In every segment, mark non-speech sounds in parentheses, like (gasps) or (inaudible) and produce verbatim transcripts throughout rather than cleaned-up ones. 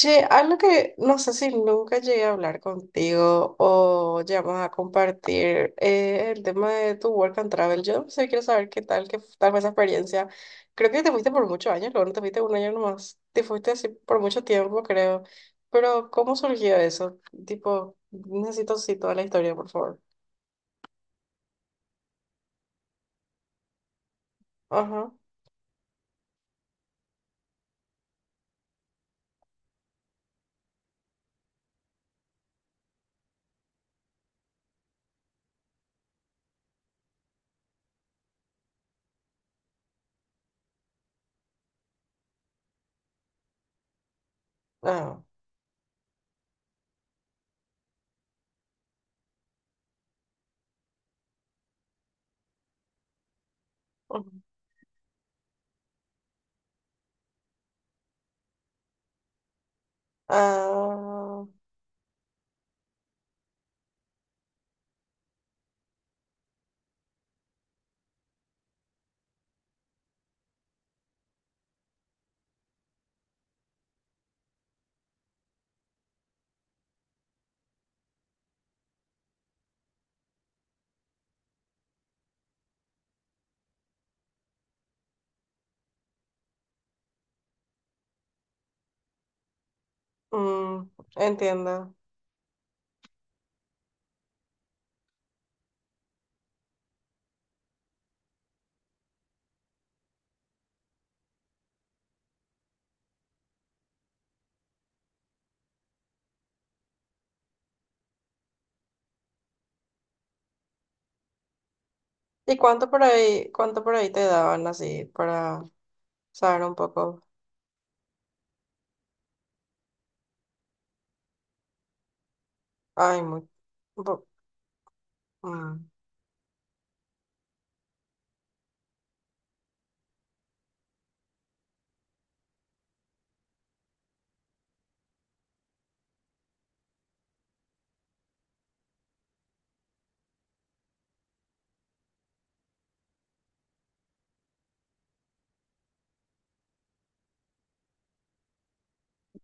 Che, algo que no sé si nunca llegué a hablar contigo o llegamos a compartir eh, el tema de tu work and travel. Yo sí quiero saber qué tal, qué tal fue esa experiencia. Creo que te fuiste por muchos años, luego no te fuiste un año nomás. Te fuiste así por mucho tiempo, creo. Pero, ¿cómo surgió eso? Tipo, necesito sí toda la historia, por favor. Ajá. Ah. Ujú. Ah. Mm, entiendo. ¿Y cuánto por ahí, cuánto por ahí te daban así para saber un poco? Ay, muy... bo- mm.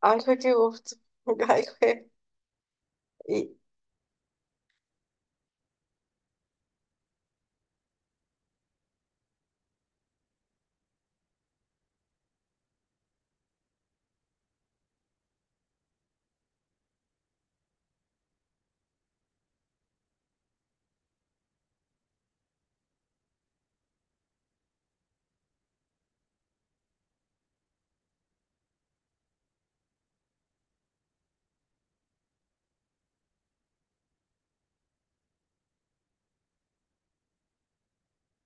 Ay, fue qué gusto. (laughs) Ay, fue. ¿Y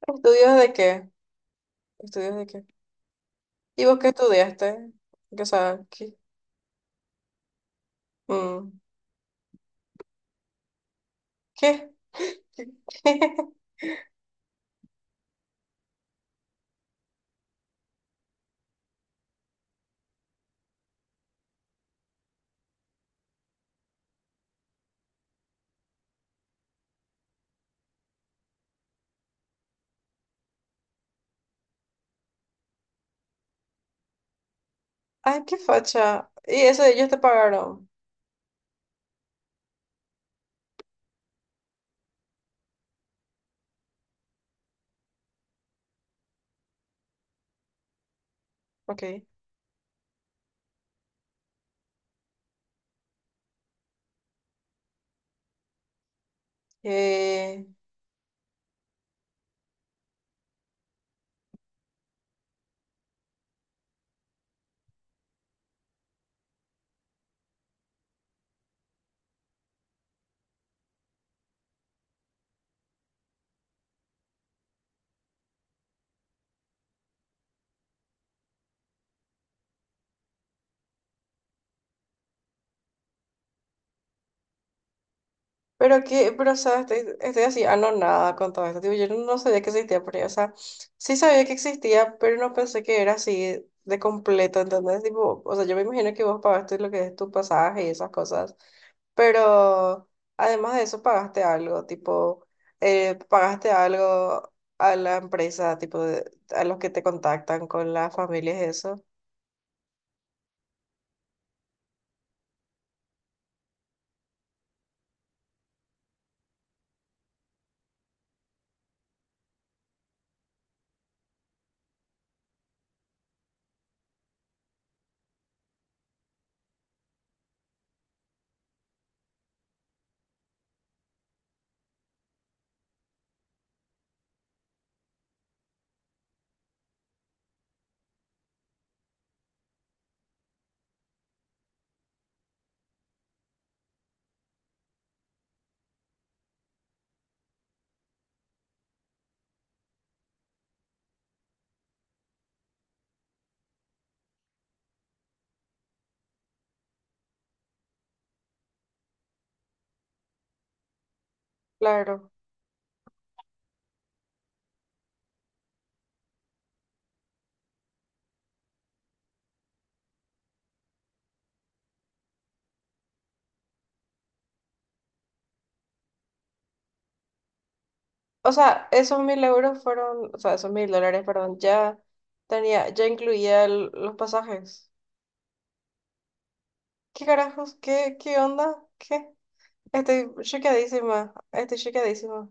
estudios de qué? ¿Estudios de qué? ¿Y vos qué estudiaste? O sea, ¿qué? Mm. ¿Qué? (laughs) Ay, qué facha. Y eso ellos te pagaron. Ok. Eh, Pero que, pero o sea, estoy, estoy así anonada con todo esto. Tipo, yo no sabía que existía pero ahí. O sea, sí sabía que existía, pero no pensé que era así de completo, ¿entendés? Tipo, o sea, yo me imagino que vos pagaste lo que es tu pasaje y esas cosas. Pero además de eso, pagaste algo, tipo, eh, pagaste algo a la empresa, tipo, de- a los que te contactan con las familias, eso. Claro. O sea, esos mil euros fueron, o sea, esos mil dólares, perdón, ya tenía, ya incluía el- los pasajes. ¿Qué carajos? ¿Qué, qué onda? ¿Qué? Estoy choqueadísima, estoy choqueadísima.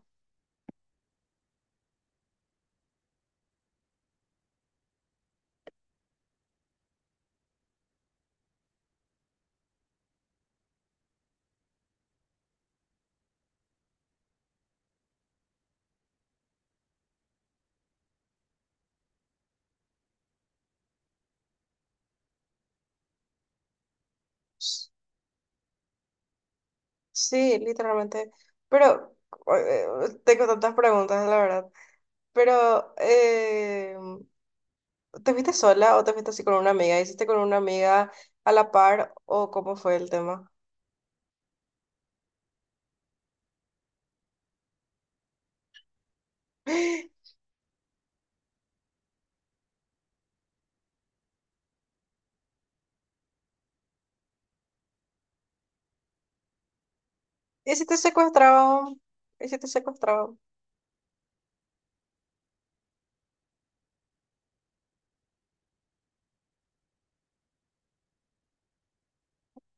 S- Sí, literalmente. Pero eh, tengo tantas preguntas, la verdad. Pero, eh, ¿te fuiste sola o te fuiste así con una amiga? ¿Hiciste con una amiga a la par o cómo fue el tema? (gasps) ¿Y si te secuestraban? ¿Y si te secuestraban?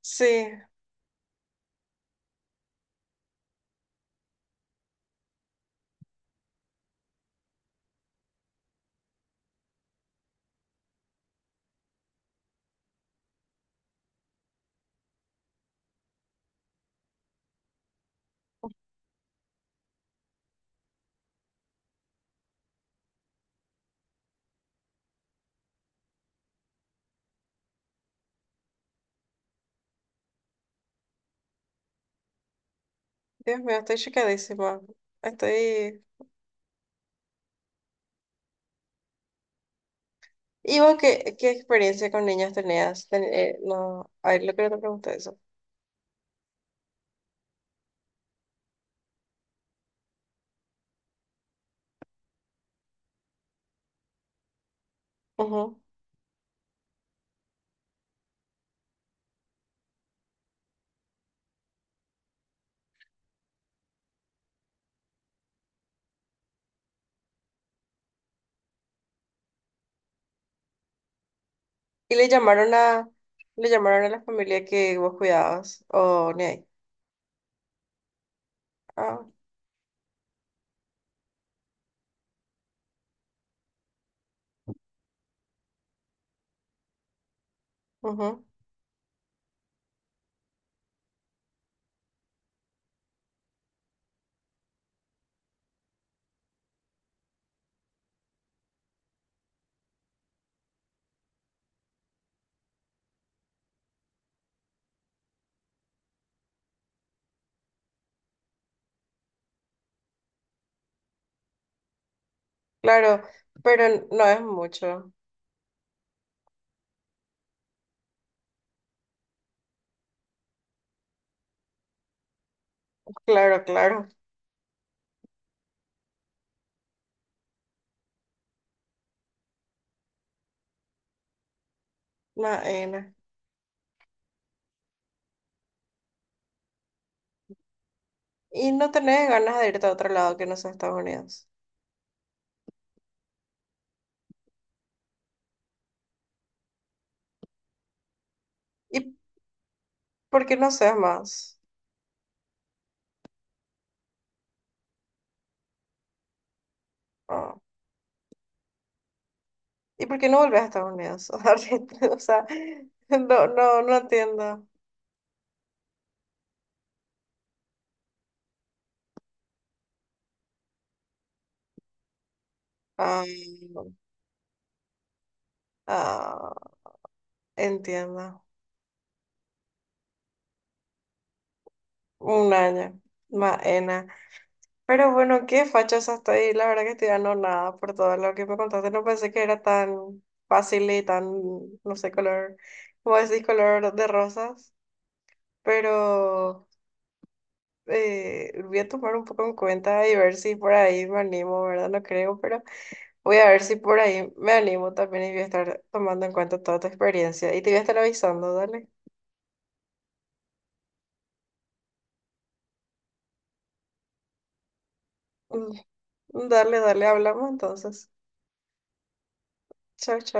Sí. Dios mío, estoy chocadísima. Estoy. ¿Y vos qué, qué experiencia con niños tenías? Ten- eh, no, a ver, lo que no te pregunté eso. Ujú. ¿Y le llamaron a, le llamaron a la familia que vos cuidabas? ¿O ni ahí? Ah, ujú. Claro, pero no es mucho. Claro, claro. Maena. ¿Y no tenés ganas de irte a otro lado que no sea Estados Unidos? ¿Y por qué no seas más? Ah. ¿Y por qué no volvés a Estados Unidos? (laughs) O sea, no, no, no entiendo. Ah, ah, entiendo. Un año. Maena. Pero bueno, qué fachosa estoy. La verdad que estoy nada por todo lo que me contaste. No pensé que era tan fácil y tan, no sé, color, como decís, color de rosas. Pero eh, voy a tomar un poco en cuenta y ver si por ahí me animo, ¿verdad? No creo, pero voy a ver si por ahí me animo también y voy a estar tomando en cuenta toda tu experiencia. Y te voy a estar avisando, dale. Dale, dale, hablamos entonces. Chao, chao.